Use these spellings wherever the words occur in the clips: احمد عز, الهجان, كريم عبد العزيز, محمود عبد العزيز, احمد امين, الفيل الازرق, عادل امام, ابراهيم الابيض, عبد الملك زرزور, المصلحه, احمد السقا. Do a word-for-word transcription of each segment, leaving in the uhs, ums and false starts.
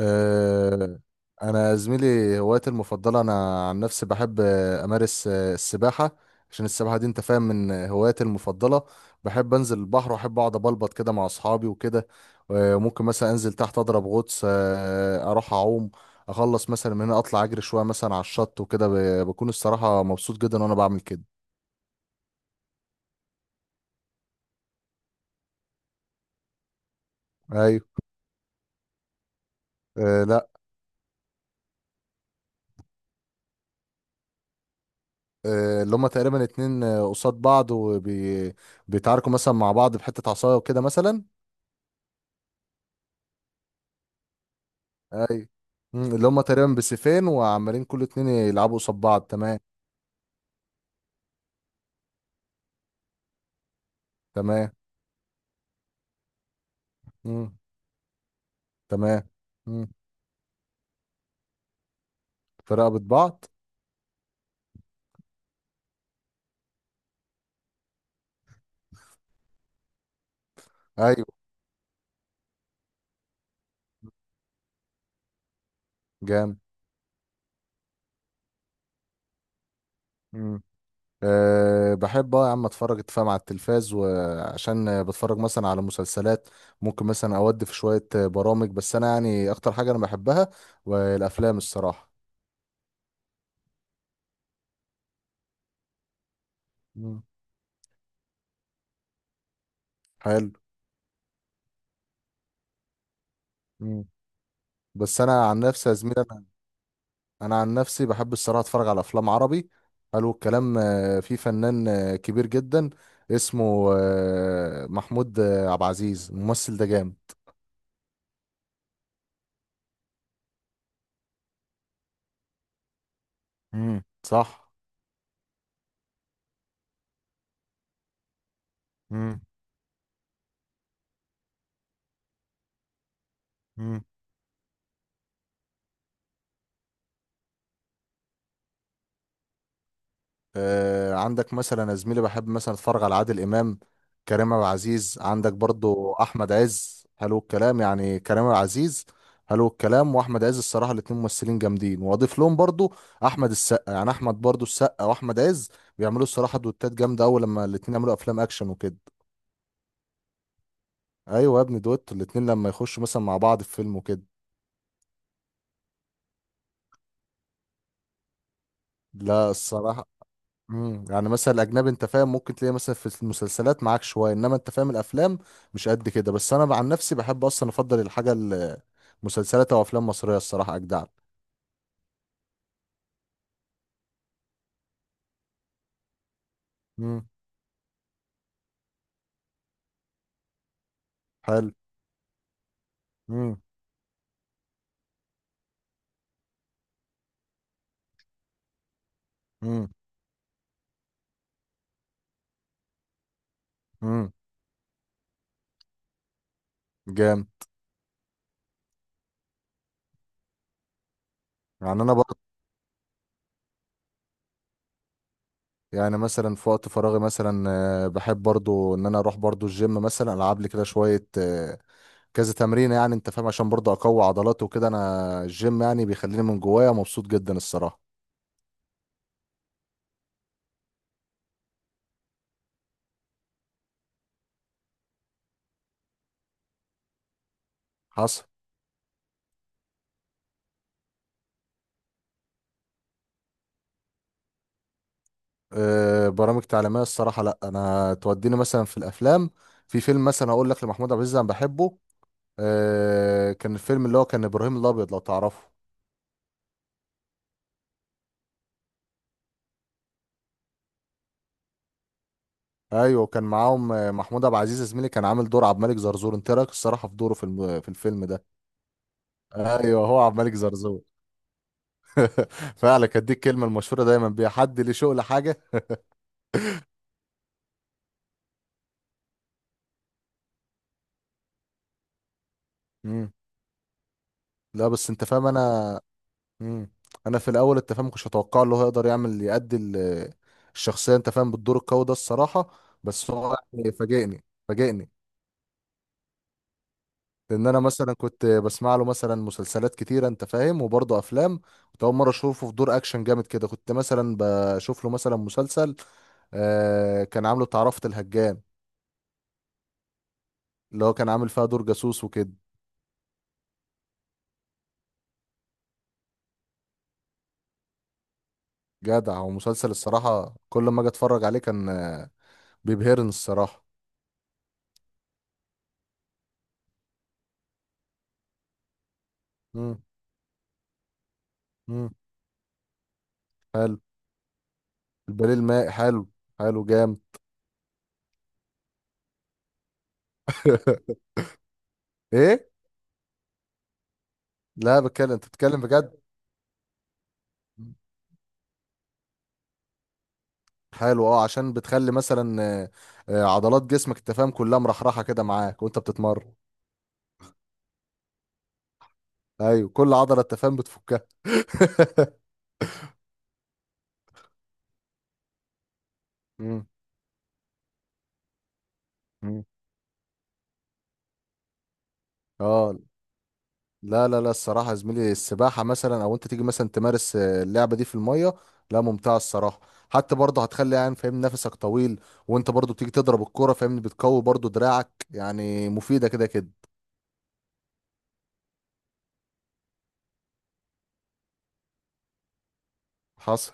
آه. انا زميلي هوايتي المفضله، انا عن نفسي بحب آه، امارس آه، السباحه. عشان السباحه دي انت فاهم من آه، هواياتي المفضله. بحب انزل البحر واحب اقعد ابلبط كده مع اصحابي وكده. آه، ممكن مثلا انزل تحت اضرب غطس آه، اروح اعوم. اخلص مثلا من هنا اطلع اجري شويه مثلا على الشط وكده ب- بكون الصراحه مبسوط جدا وانا بعمل كده. ايوه. آه، لا. آه، اللي هما تقريبا اتنين آه، قصاد بعض وبيتعاركوا مثلا مع بعض بحتة عصاية وكده مثلا. اي. مم، اللي هم تقريبا بسيفين وعمالين كل اتنين يلعبوا قصاد بعض. تمام. تمام. مم. تمام. مم. في رقبة بعض. ايوه. جامد. مم. أه، بحب اه يا عم اتفرج اتفاهم على التلفاز، وعشان بتفرج مثلا على مسلسلات ممكن مثلا اودي في شوية برامج. بس انا يعني اكتر حاجة انا بحبها والافلام الصراحة. مم. حلو. مم. بس انا عن نفسي يا زميلي، انا عن نفسي بحب الصراحه اتفرج على افلام عربي. حلو الكلام. آه، في فنان آه، كبير جدا اسمه آه، محمود آه، عبد العزيز. الممثل ده جامد. امم، صح. امم. آه، عندك مثلا يا زميلي بحب مثلا اتفرج على عادل امام، كريم عبد العزيز، عندك برضو احمد عز. حلو الكلام يعني كريم عبد العزيز. حلو الكلام. واحمد عز الصراحه الاتنين ممثلين جامدين، واضيف لهم برضو احمد السقا. يعني احمد برضو السقا واحمد عز بيعملوا الصراحه دوتات جامده قوي لما الاتنين يعملوا افلام اكشن وكده. ايوه يا ابني، دوت الاتنين لما يخشوا مثلا مع بعض في فيلم وكده. لا الصراحه. امم، يعني مثلا الاجنبي انت فاهم ممكن تلاقي مثلا في المسلسلات معاك شويه، انما انت فاهم الافلام مش قد كده. بس انا عن نفسي بحب اصلا افضل الحاجه ال- مسلسلات او افلام مصريه الصراحه اجدع. امم. حلو. امم. امم. امم. جام يعني انا برضه، يعني مثلا في وقت فراغي مثلا آه، بحب برضه ان انا اروح برضه الجيم، مثلا العب لي كده شويه آه، كذا تمرين يعني انت فاهم عشان برضه اقوي عضلاتي وكده. انا الجيم يعني بيخليني من جوايا مبسوط جدا الصراحه. حصل. آه، برامج تعليميه الصراحه لا، انا توديني مثلا في الافلام. في فيلم مثلا هقول لك لمحمود عبد العزيز انا بحبه. آه، كان الفيلم اللي هو كان ابراهيم الابيض، لو تعرفه. ايوه كان معاهم آه، محمود عبد العزيز زميلي كان عامل دور عبد الملك زرزور. انت إيه رايك الصراحه في دوره في الم- في الفيلم ده؟ ايوه هو عبد الملك زرزور. فعلا كانت دي الكلمه المشهوره دايما بيها، حد ليه شغل حاجه. مم. لا، بس انت فاهم انا. مم. انا في الاول انت فاهم ما كنتش اتوقع له هيقدر يعمل يأدي ال- الشخصيه انت فاهم بالدور القوي ده الصراحه. بس هو يعني فاجئني فاجئني. لان انا مثلا كنت بسمع له مثلا مسلسلات كتيره انت فاهم وبرضه افلام. كنت اول مره اشوفه في دور اكشن جامد كده. كنت مثلا بشوف له مثلا مسلسل آه كان عامله تعرفة الهجان، اللي هو كان عامل فيها دور جاسوس وكده. جدع. ومسلسل الصراحه كل ما اجي اتفرج عليه كان آه، بيبهرني الصراحه. مم. مم. حلو. الباليه الماء حلو. حلو جامد. ايه؟ لا، بتكلم؟ انت بتتكلم بجد. حلو. اه، عشان بتخلي مثلا آه، آه، عضلات جسمك انت فاهم كلها مرحرحه كده معاك وانت بتتمرن. ايوه كل عضله انت فاهم بتفكها. مم. مم. اه. لا لا لا الصراحه يا زميلي السباحه مثلا او انت تيجي مثلا تمارس آه، اللعبه دي في الميه. لا ممتعه الصراحه. حتى برضه هتخلي يعني فاهم نفسك طويل. وانت برضه بتيجي تضرب الكوره فاهمني بتقوي برضه دراعك، يعني مفيده كده كده. حصل.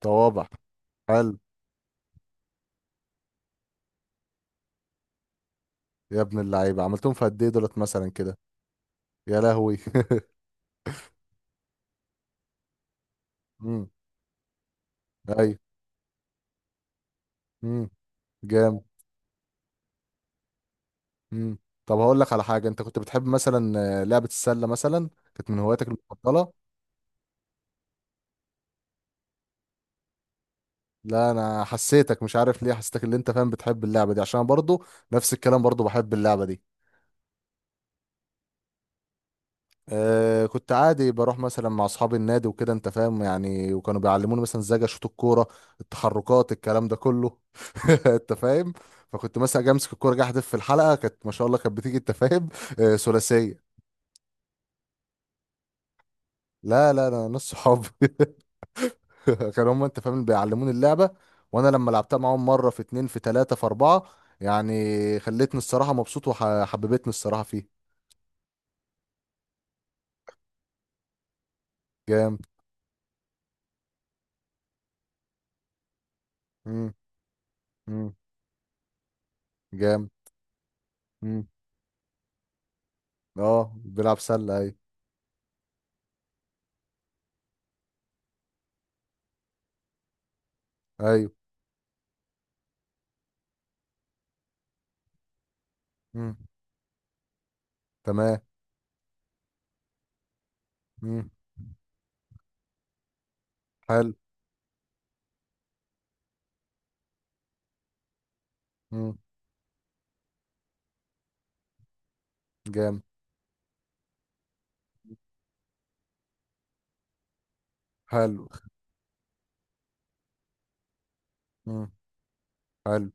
طوابع؟ حلو. يا ابن اللعيبه، عملتهم في قد ايه دولت مثلا كده؟ يا لهوي. امم. ايوه. امم. جامد. امم. طب هقول لك على حاجه، انت كنت بتحب مثلا آه، لعبه السله مثلا، كانت من هواياتك المفضله؟ لا انا حسيتك مش عارف ليه، حسيتك اللي انت فاهم بتحب اللعبه دي، عشان أنا برضو نفس الكلام برضو بحب اللعبه دي. آه كنت عادي بروح مثلا مع اصحابي النادي وكده انت فاهم يعني، وكانوا بيعلموني مثلا ازاي اشوط الكوره، التحركات، الكلام ده كله. انت فاهم. فكنت مثلا اجي امسك الكوره جاي احدف في الحلقه، كانت ما شاء الله كانت بتيجي انت فاهم آه، ثلاثيه. لا لا انا نص صحابي. كانوا هم انت فاهم اللي بيعلموني اللعبه. وانا لما لعبتها معاهم مره في اتنين في تلاته في اربعه، يعني خلتني الصراحه مبسوط وحببتني الصراحه فيه. جامد. مم. مم. جامد. مم. اه، بيلعب سله، ايوه. ايوه. مم. تمام. مم. حلو. مم. جامد. حلو. مم. حلو.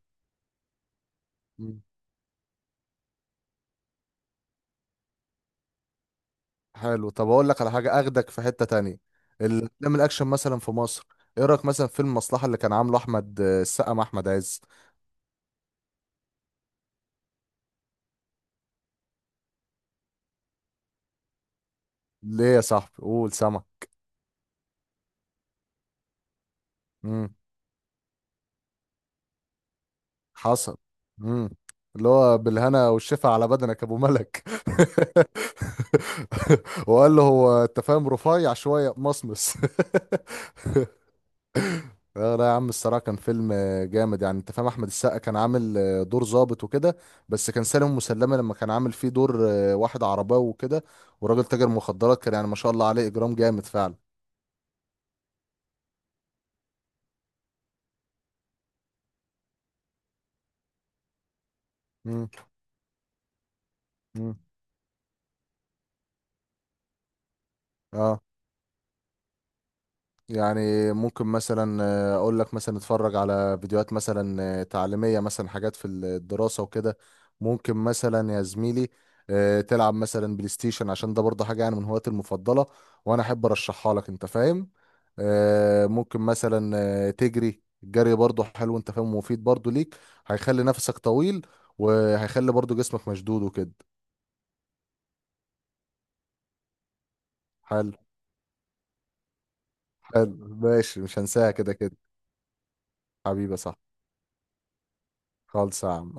حلو. طب اقول لك على حاجه، اخدك في حته تانية. الافلام الاكشن مثلا في مصر، ايه رايك مثلا في فيلم المصلحه اللي كان عامله احمد آه، السقا مع احمد عز؟ ليه يا صاحبي، قول سما. امم. حصل. امم. اللي هو بالهنا والشفا على بدنك يا ابو ملك. وقال له هو انت فاهم رفيع شويه مصمص. لا لا يا عم، الصراحة كان فيلم آه، جامد يعني انت فاهم. احمد السقا كان عامل آه، دور ظابط وكده. بس كان سالم مسلمة لما كان عامل فيه دور آه، واحد عرباوي وكده، وراجل تاجر مخدرات، كان يعني ما شاء الله عليه اجرام جامد فعلا. مم. مم. اه، يعني ممكن مثلا آه، اقول لك مثلا اتفرج على فيديوهات مثلا آه، تعليمية مثلا، حاجات في الدراسة وكده. ممكن مثلا يا زميلي آه، تلعب مثلا بلاي ستيشن، عشان ده برضه حاجة يعني من هواياتي المفضلة، وانا احب ارشحها لك انت فاهم. آه، ممكن مثلا آه، تجري، الجري برضه حلو انت فاهم ومفيد برضه ليك. هيخلي نفسك طويل، وهيخلي برضه جسمك مشدود وكده. حلو. حلو. ماشي، مش هنساها كده كده. حبيبي صح. خالص يا عم.